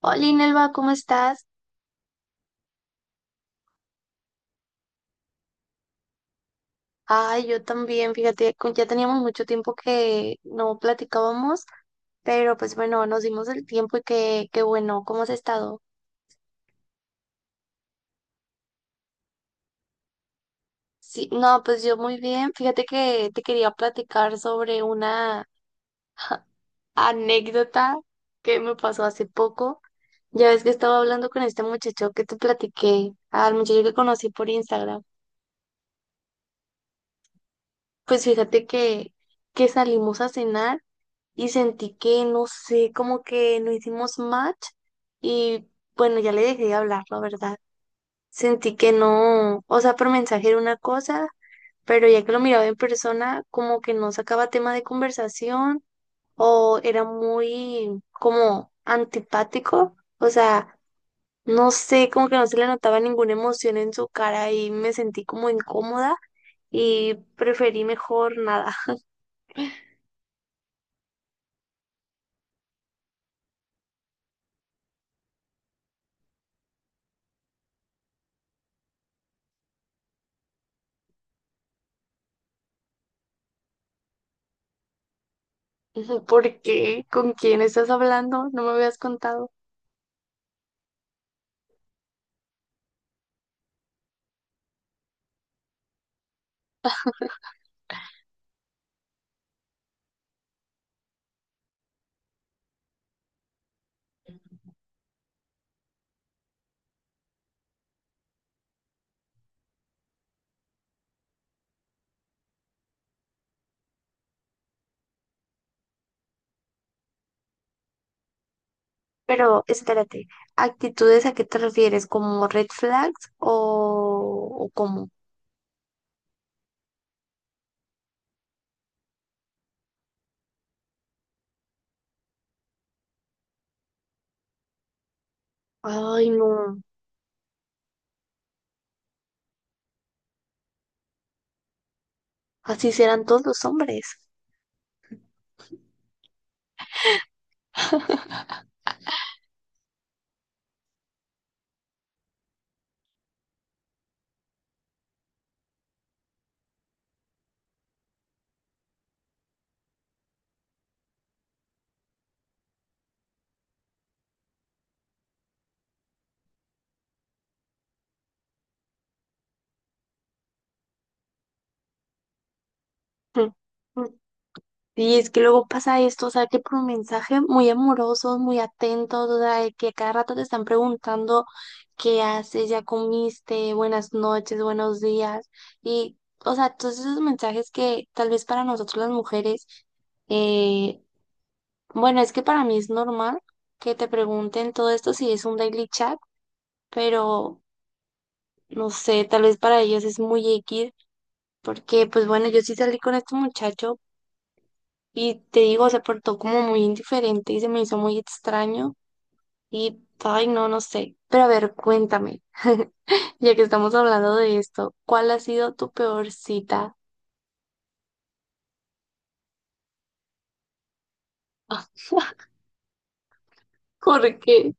Hola, Nelva, ¿cómo estás? Ay, yo también, fíjate, ya teníamos mucho tiempo que no platicábamos, pero pues bueno, nos dimos el tiempo y qué bueno, ¿cómo has estado? Sí, no, pues yo muy bien, fíjate que te quería platicar sobre una anécdota que me pasó hace poco. Ya ves que estaba hablando con este muchacho que te platiqué, al muchacho que conocí por Instagram. Pues fíjate que salimos a cenar. Y sentí que, no sé, como que no hicimos match y bueno, ya le dejé de hablar, la verdad. Sentí que no, o sea, por mensaje era una cosa, pero ya que lo miraba en persona, como que no sacaba tema de conversación o era muy como antipático, o sea, no sé, como que no se le notaba ninguna emoción en su cara y me sentí como incómoda y preferí mejor nada. ¿Por qué? ¿Con quién estás hablando? No me habías contado. Pero espérate, ¿actitudes a qué te refieres? ¿Como red flags o cómo? Ay, no, así serán todos los hombres. Mm, mm. Y es que luego pasa esto, o sea, que por un mensaje muy amorosos, muy atentos, o sea, de que a cada rato te están preguntando qué haces, ya comiste, buenas noches, buenos días. Y, o sea, todos esos mensajes que tal vez para nosotros las mujeres. eh Bueno, es que para mí es normal que te pregunten todo esto si es un daily chat, pero no sé, tal vez para ellos es muy X, porque pues bueno, yo sí salí con este muchacho y te digo, se portó como muy indiferente y se me hizo muy extraño y, ay, no, no sé. Pero a ver, cuéntame, ya que estamos hablando de esto, ¿cuál ha sido tu peor cita? ¿Por qué?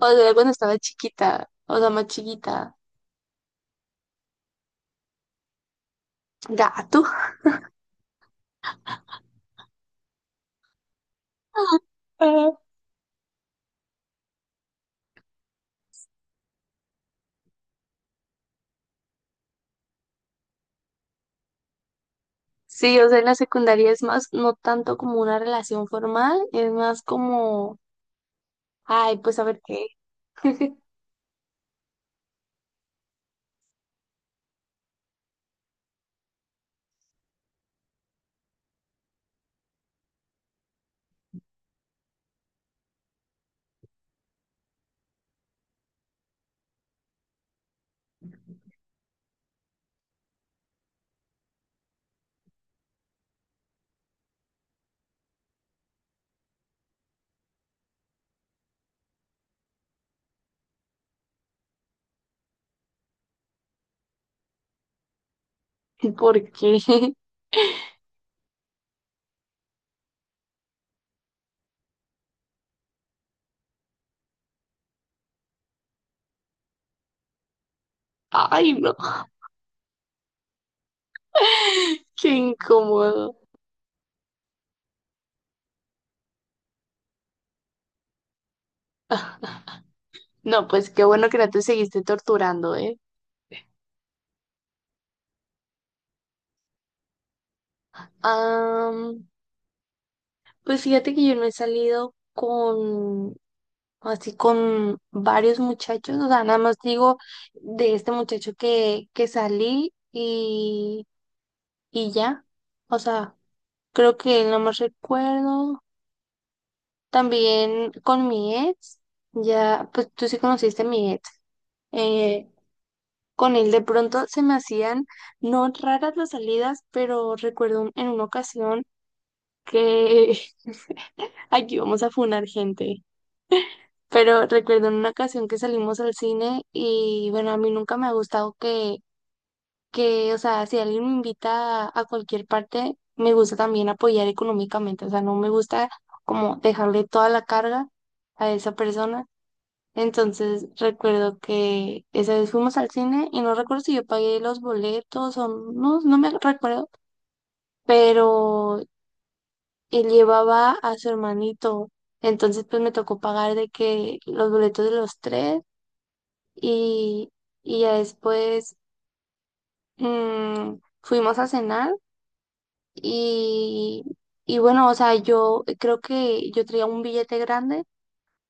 O sea, cuando estaba chiquita, o sea, más chiquita. Gato. Sí, o sea, en la secundaria es más, no tanto como una relación formal, es más como, ay, pues a ver qué, ¿por qué? Ay, no, qué incómodo. Ah, no, pues qué bueno que no te seguiste torturando, ¿eh? Am, pues fíjate que yo no he salido con, así con varios muchachos, o sea, nada más digo de este muchacho que salí y ya, o sea, creo que no más recuerdo. También con mi ex, ya, pues tú sí conociste a mi ex. eh, con él de pronto se me hacían no raras las salidas, pero recuerdo en una ocasión que aquí vamos a funar gente. Pero recuerdo en una ocasión que salimos al cine y bueno, a mí nunca me ha gustado que, o sea, si alguien me invita a cualquier parte, me gusta también apoyar económicamente. O sea, no me gusta como dejarle toda la carga a esa persona. Entonces recuerdo que esa vez fuimos al cine y no recuerdo si yo pagué los boletos o no, no me recuerdo, pero él llevaba a su hermanito. Entonces pues me tocó pagar de que los boletos de los tres y, y ya después, mm, fuimos a cenar y, y bueno, o sea, yo creo que yo traía un billete grande.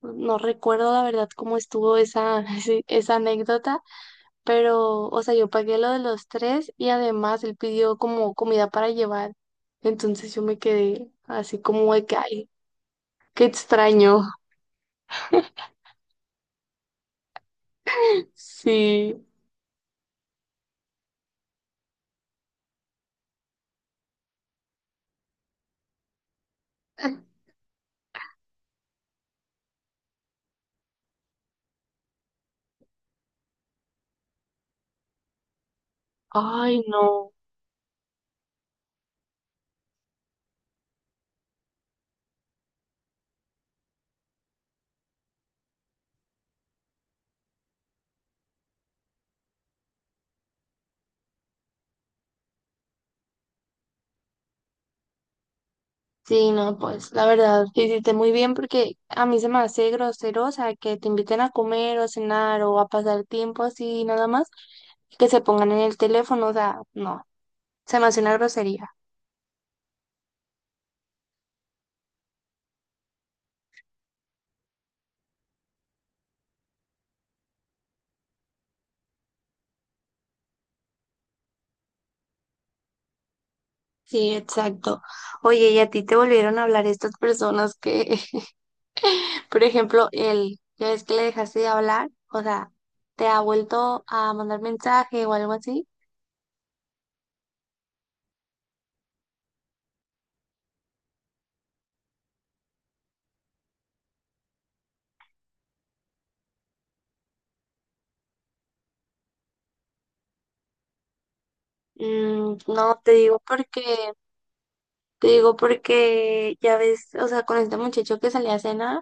No recuerdo la verdad cómo estuvo esa, esa anécdota, pero, o sea, yo pagué lo de los tres y además él pidió como comida para llevar. Entonces yo me quedé así como de que, ay, qué extraño. Sí. Ay, no. Sí, no, pues la verdad, hiciste muy bien porque a mí se me hace grosero, o sea, que te inviten a comer o cenar o a pasar tiempo así nada más, que se pongan en el teléfono, o sea, no, se me hace una grosería. Sí, exacto. Oye, ¿y a ti te volvieron a hablar estas personas que por ejemplo, él, ya ves que le dejaste de hablar, o sea, te ha vuelto a mandar mensaje o algo así? Mm, no, te digo porque, ya ves, o sea, con este muchacho que salía a cenar,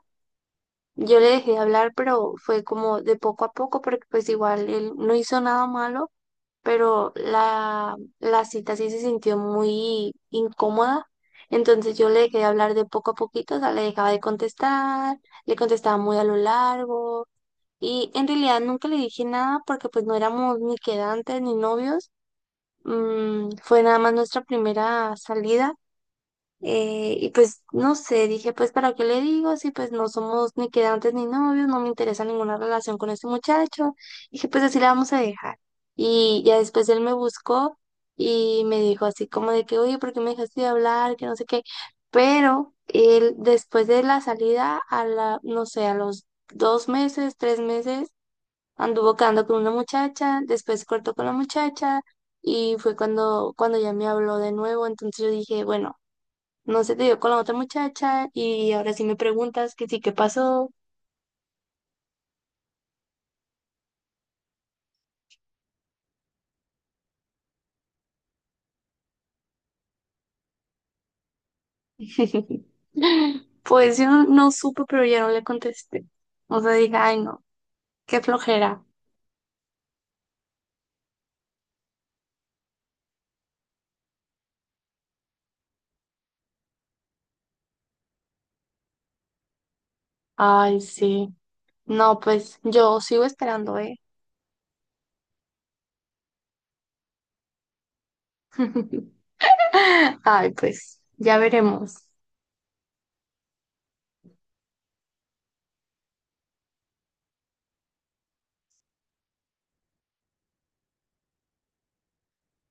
yo le dejé de hablar, pero fue como de poco a poco, porque pues igual él no hizo nada malo, pero la cita sí se sintió muy incómoda. Entonces yo le dejé de hablar de poco a poquito, o sea, le dejaba de contestar, le contestaba muy a lo largo. Y en realidad nunca le dije nada porque pues no éramos ni quedantes ni novios. Fue nada más nuestra primera salida. Y pues no sé, dije pues ¿para qué le digo? Si pues no somos ni quedantes ni novios, no me interesa ninguna relación con este muchacho. Dije pues así la vamos a dejar. Y ya después él me buscó y me dijo así como de que, oye, ¿por qué me dejaste de hablar? Que no sé qué. Pero él después de la salida, a la, no sé, a los 2 meses, 3 meses. Anduvo quedando con una muchacha, después cortó con la muchacha y fue cuando ya me habló de nuevo. Entonces yo dije, bueno, no se te dio con la otra muchacha y ahora sí me preguntas que sí, ¿qué pasó? Pues yo no, no supe, pero ya no le contesté. O sea, dije, ay, no, qué flojera. Ay, sí. No, pues yo sigo esperando, ¿eh? Ay, pues ya veremos.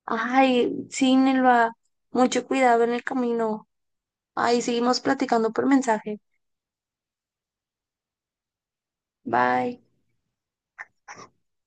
Ay, sí, Nelva, mucho cuidado en el camino. Ahí seguimos platicando por mensaje. Bye.